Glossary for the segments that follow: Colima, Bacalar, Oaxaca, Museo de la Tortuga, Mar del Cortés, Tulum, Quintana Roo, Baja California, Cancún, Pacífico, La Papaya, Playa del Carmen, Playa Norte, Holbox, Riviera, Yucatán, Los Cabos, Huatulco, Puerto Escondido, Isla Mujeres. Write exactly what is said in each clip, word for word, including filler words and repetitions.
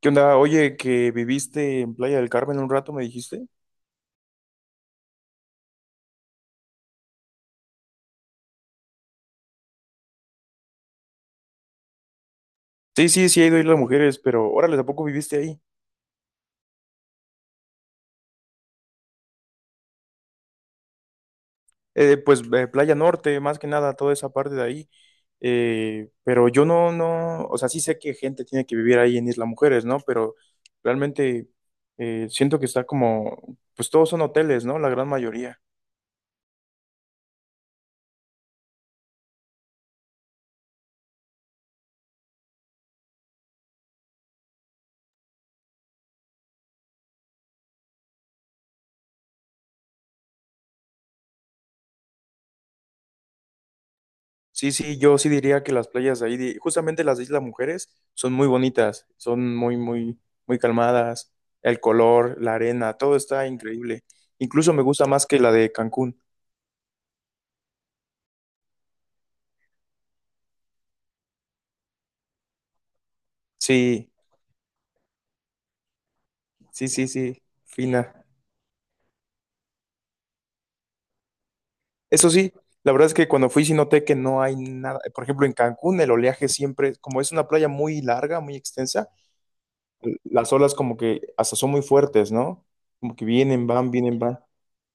¿Qué onda? Oye, que viviste en Playa del Carmen un rato, me dijiste. Sí, sí, sí, he ido a Isla Mujeres, pero órale, ¿a poco viviste ahí? Eh, pues eh, Playa Norte, más que nada, toda esa parte de ahí. Eh, pero yo no, no, o sea, sí sé que gente tiene que vivir ahí en Isla Mujeres, ¿no? Pero realmente eh, siento que está como, pues todos son hoteles, ¿no? La gran mayoría. Sí, sí, yo sí diría que las playas de ahí, de- justamente las de Isla Mujeres, son muy bonitas, son muy, muy, muy calmadas, el color, la arena, todo está increíble. Incluso me gusta más que la de Cancún. Sí, sí, sí, sí, fina. Eso sí, la verdad es que cuando fui sí noté que no hay nada. Por ejemplo, en Cancún el oleaje siempre, como es una playa muy larga, muy extensa, las olas como que hasta son muy fuertes, ¿no? Como que vienen, van, vienen, van.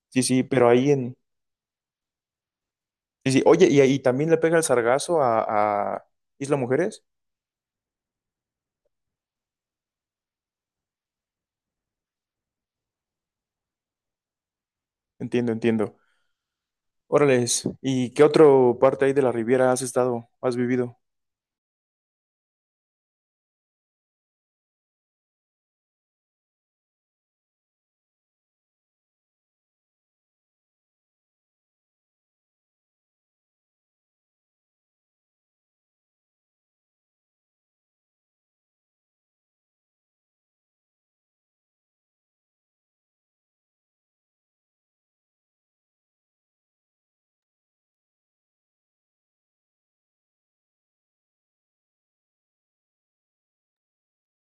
Sí, sí, pero ahí en... Sí, sí. Oye, y ahí también le pega el sargazo a, a Isla Mujeres. Entiendo, entiendo. Órales, ¿y qué otro parte ahí de la Riviera has estado, has vivido?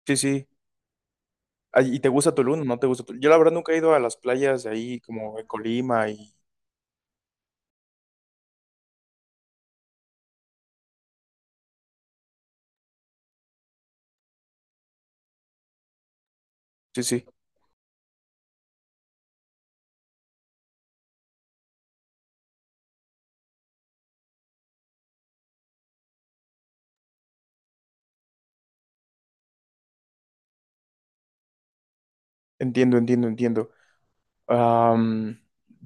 Sí, sí. Ay, ¿y te gusta Tulum? ¿No te gusta Tulum? Yo la verdad nunca he ido a las playas de ahí, como en Colima y... Sí, sí. Entiendo, entiendo, entiendo. Am,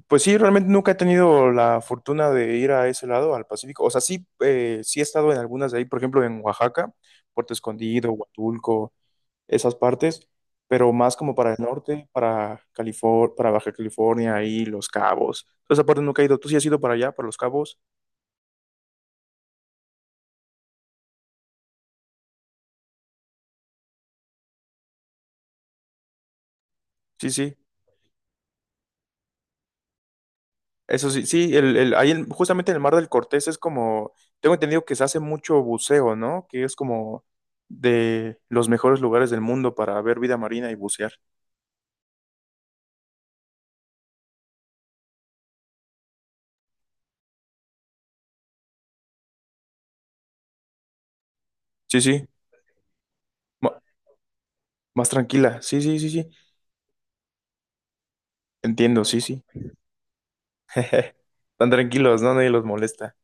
pues sí, realmente nunca he tenido la fortuna de ir a ese lado, al Pacífico. O sea, sí, eh, sí he estado en algunas de ahí, por ejemplo, en Oaxaca, Puerto Escondido, Huatulco. Esas partes, pero más como para el norte, para California, para Baja California y Los Cabos. Entonces, esa parte nunca he ido. ¿Tú sí has ido para allá, para Los Cabos? Sí, sí. Eso sí, sí, el, el, ahí en- justamente en el Mar del Cortés es como, tengo entendido que se hace mucho buceo, ¿no? Que es como de los mejores lugares del mundo para ver vida marina y bucear. Sí, sí, ma- más tranquila. Sí, sí, sí, sí. Entiendo, sí, sí. Tan tranquilos, ¿no? Nadie los molesta.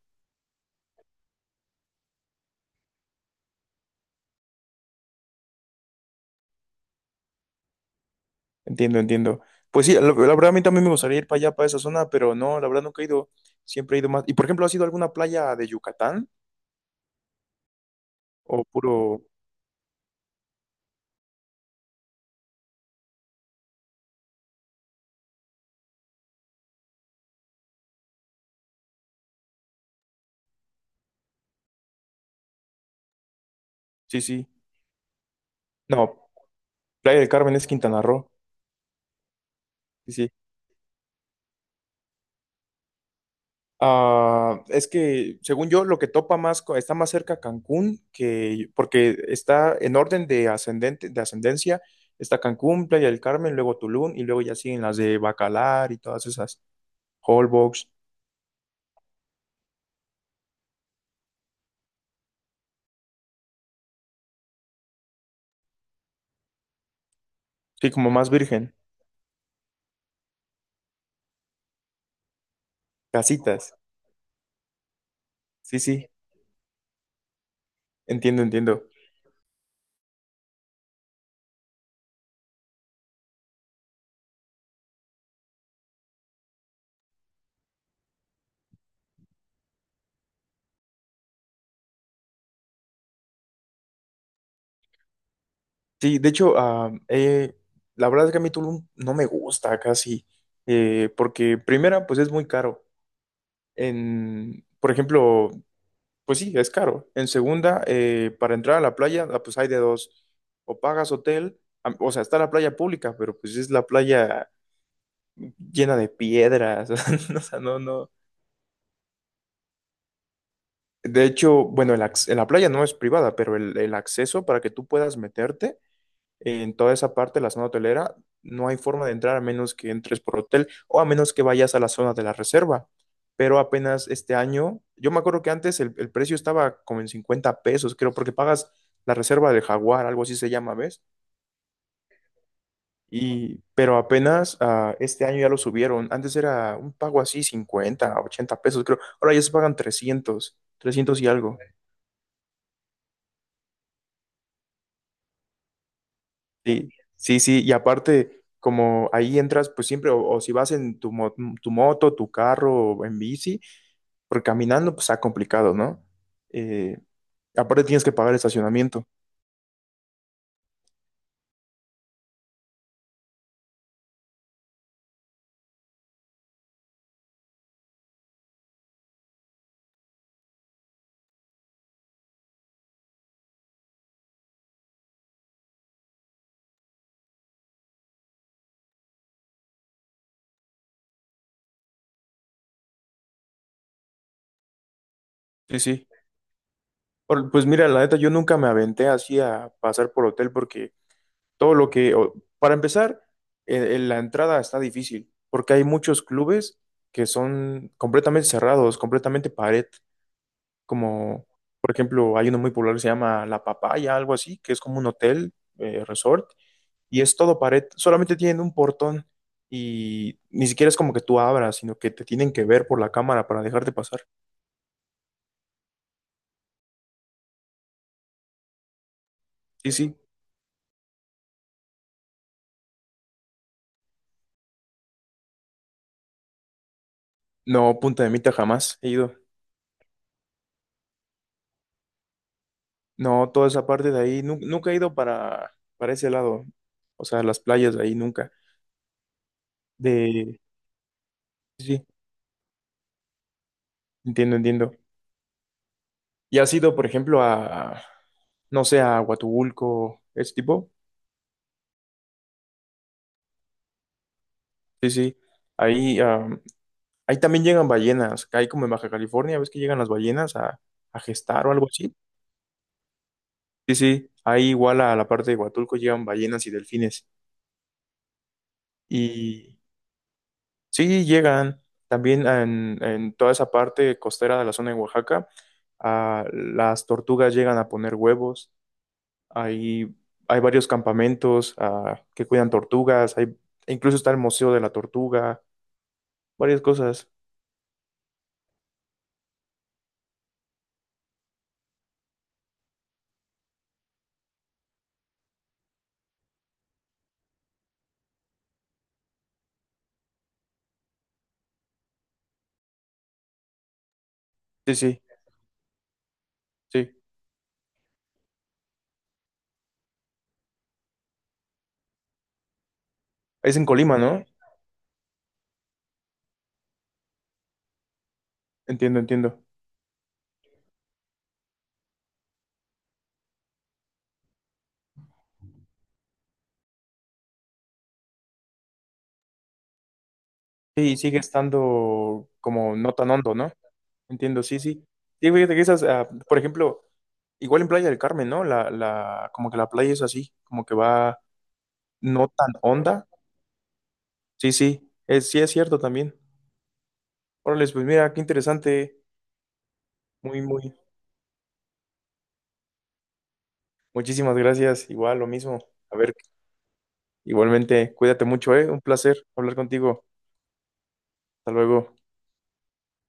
Entiendo, entiendo. Pues sí, la, la verdad a mí también me gustaría ir para allá, para esa zona, pero no, la verdad nunca he ido, siempre he ido más. Y por ejemplo, ¿has ido a alguna playa de Yucatán? O puro, sí, sí. No, Playa del Carmen es Quintana Roo, sí, sí. Ah, es que, según yo, lo que topa más, co- está más cerca Cancún que, porque está en orden de ascendente, de ascendencia, está Cancún, Playa del Carmen, luego Tulum, y luego ya siguen las de Bacalar y todas esas, Holbox, sí, como más virgen, casitas, sí, sí, entiendo, entiendo. Sí, de hecho, ah, eh, la verdad es que a mí Tulum no me gusta casi, eh, porque primera, pues es muy caro. En, por ejemplo, pues sí, es caro. En segunda, eh, para entrar a la playa, ah, pues hay de dos, o pagas hotel, am- o sea, está la playa pública, pero pues es la playa llena de piedras, o sea, no, no. De hecho, bueno, el acce- la playa no es privada, pero el, el acceso para que tú puedas meterte en toda esa parte, la zona hotelera, no hay forma de entrar a menos que entres por hotel o a menos que vayas a la zona de la reserva. Pero apenas este año, yo me acuerdo que antes el, el precio estaba como en cincuenta pesos, creo, porque pagas la reserva del Jaguar, algo así se llama, ¿ves? Y, pero apenas ah, este año ya lo subieron. Antes era un pago así cincuenta, ochenta pesos, creo. Ahora ya se pagan trescientos trescientos y algo. Sí, sí, sí, y aparte, como ahí entras, pues siempre, o, o si vas en tu, mo- tu moto, tu carro, o en bici, porque caminando, pues está complicado, ¿no? Eh, aparte tienes que pagar estacionamiento. Sí, sí. Por- Pues mira, la neta, yo nunca me aventé así a pasar por hotel porque todo lo que, o- para empezar, eh, eh, la entrada está difícil porque hay muchos clubes que son completamente cerrados, completamente pared. Como, por ejemplo, hay uno muy popular que se llama La Papaya, algo así, que es como un hotel, eh, resort, y es todo pared, solamente tienen un portón y ni siquiera es como que tú abras, sino que te tienen que ver por la cámara para dejarte pasar. Sí, sí, no, Punta de Mita jamás he ido. No, toda esa parte de ahí, nu- nunca he ido para, para ese lado, o sea, las playas de ahí nunca. De, sí, sí, entiendo, entiendo. ¿Y has ido, por ejemplo, a, no sé, a Huatulco, ese tipo? Sí, sí. Ahí, am, ahí también llegan ballenas. Ahí como en Baja California, ves que llegan las ballenas a, a gestar o algo así. Sí, sí. Ahí igual a la parte de Huatulco llegan ballenas y delfines. Y sí, llegan también en, en toda esa parte costera de la zona de Oaxaca. Ah, las tortugas llegan a poner huevos. Hay, hay varios campamentos ah, que cuidan tortugas. Hay, incluso está el Museo de la Tortuga. Varias cosas. Sí, sí, sí. Es en Colima, ¿no? Entiendo, entiendo. Sí, sigue estando como no tan hondo, ¿no? Entiendo, sí, sí. Sí, fíjate que esas, ah, por ejemplo, igual en Playa del Carmen, ¿no? La, la, como que la playa es así, como que va no tan honda. Sí, sí, es, sí es cierto también. Órale, pues mira, qué interesante. Muy, muy. Muchísimas gracias. Igual, lo mismo. A ver, igualmente, cuídate mucho, ¿eh? Un placer hablar contigo. Hasta luego.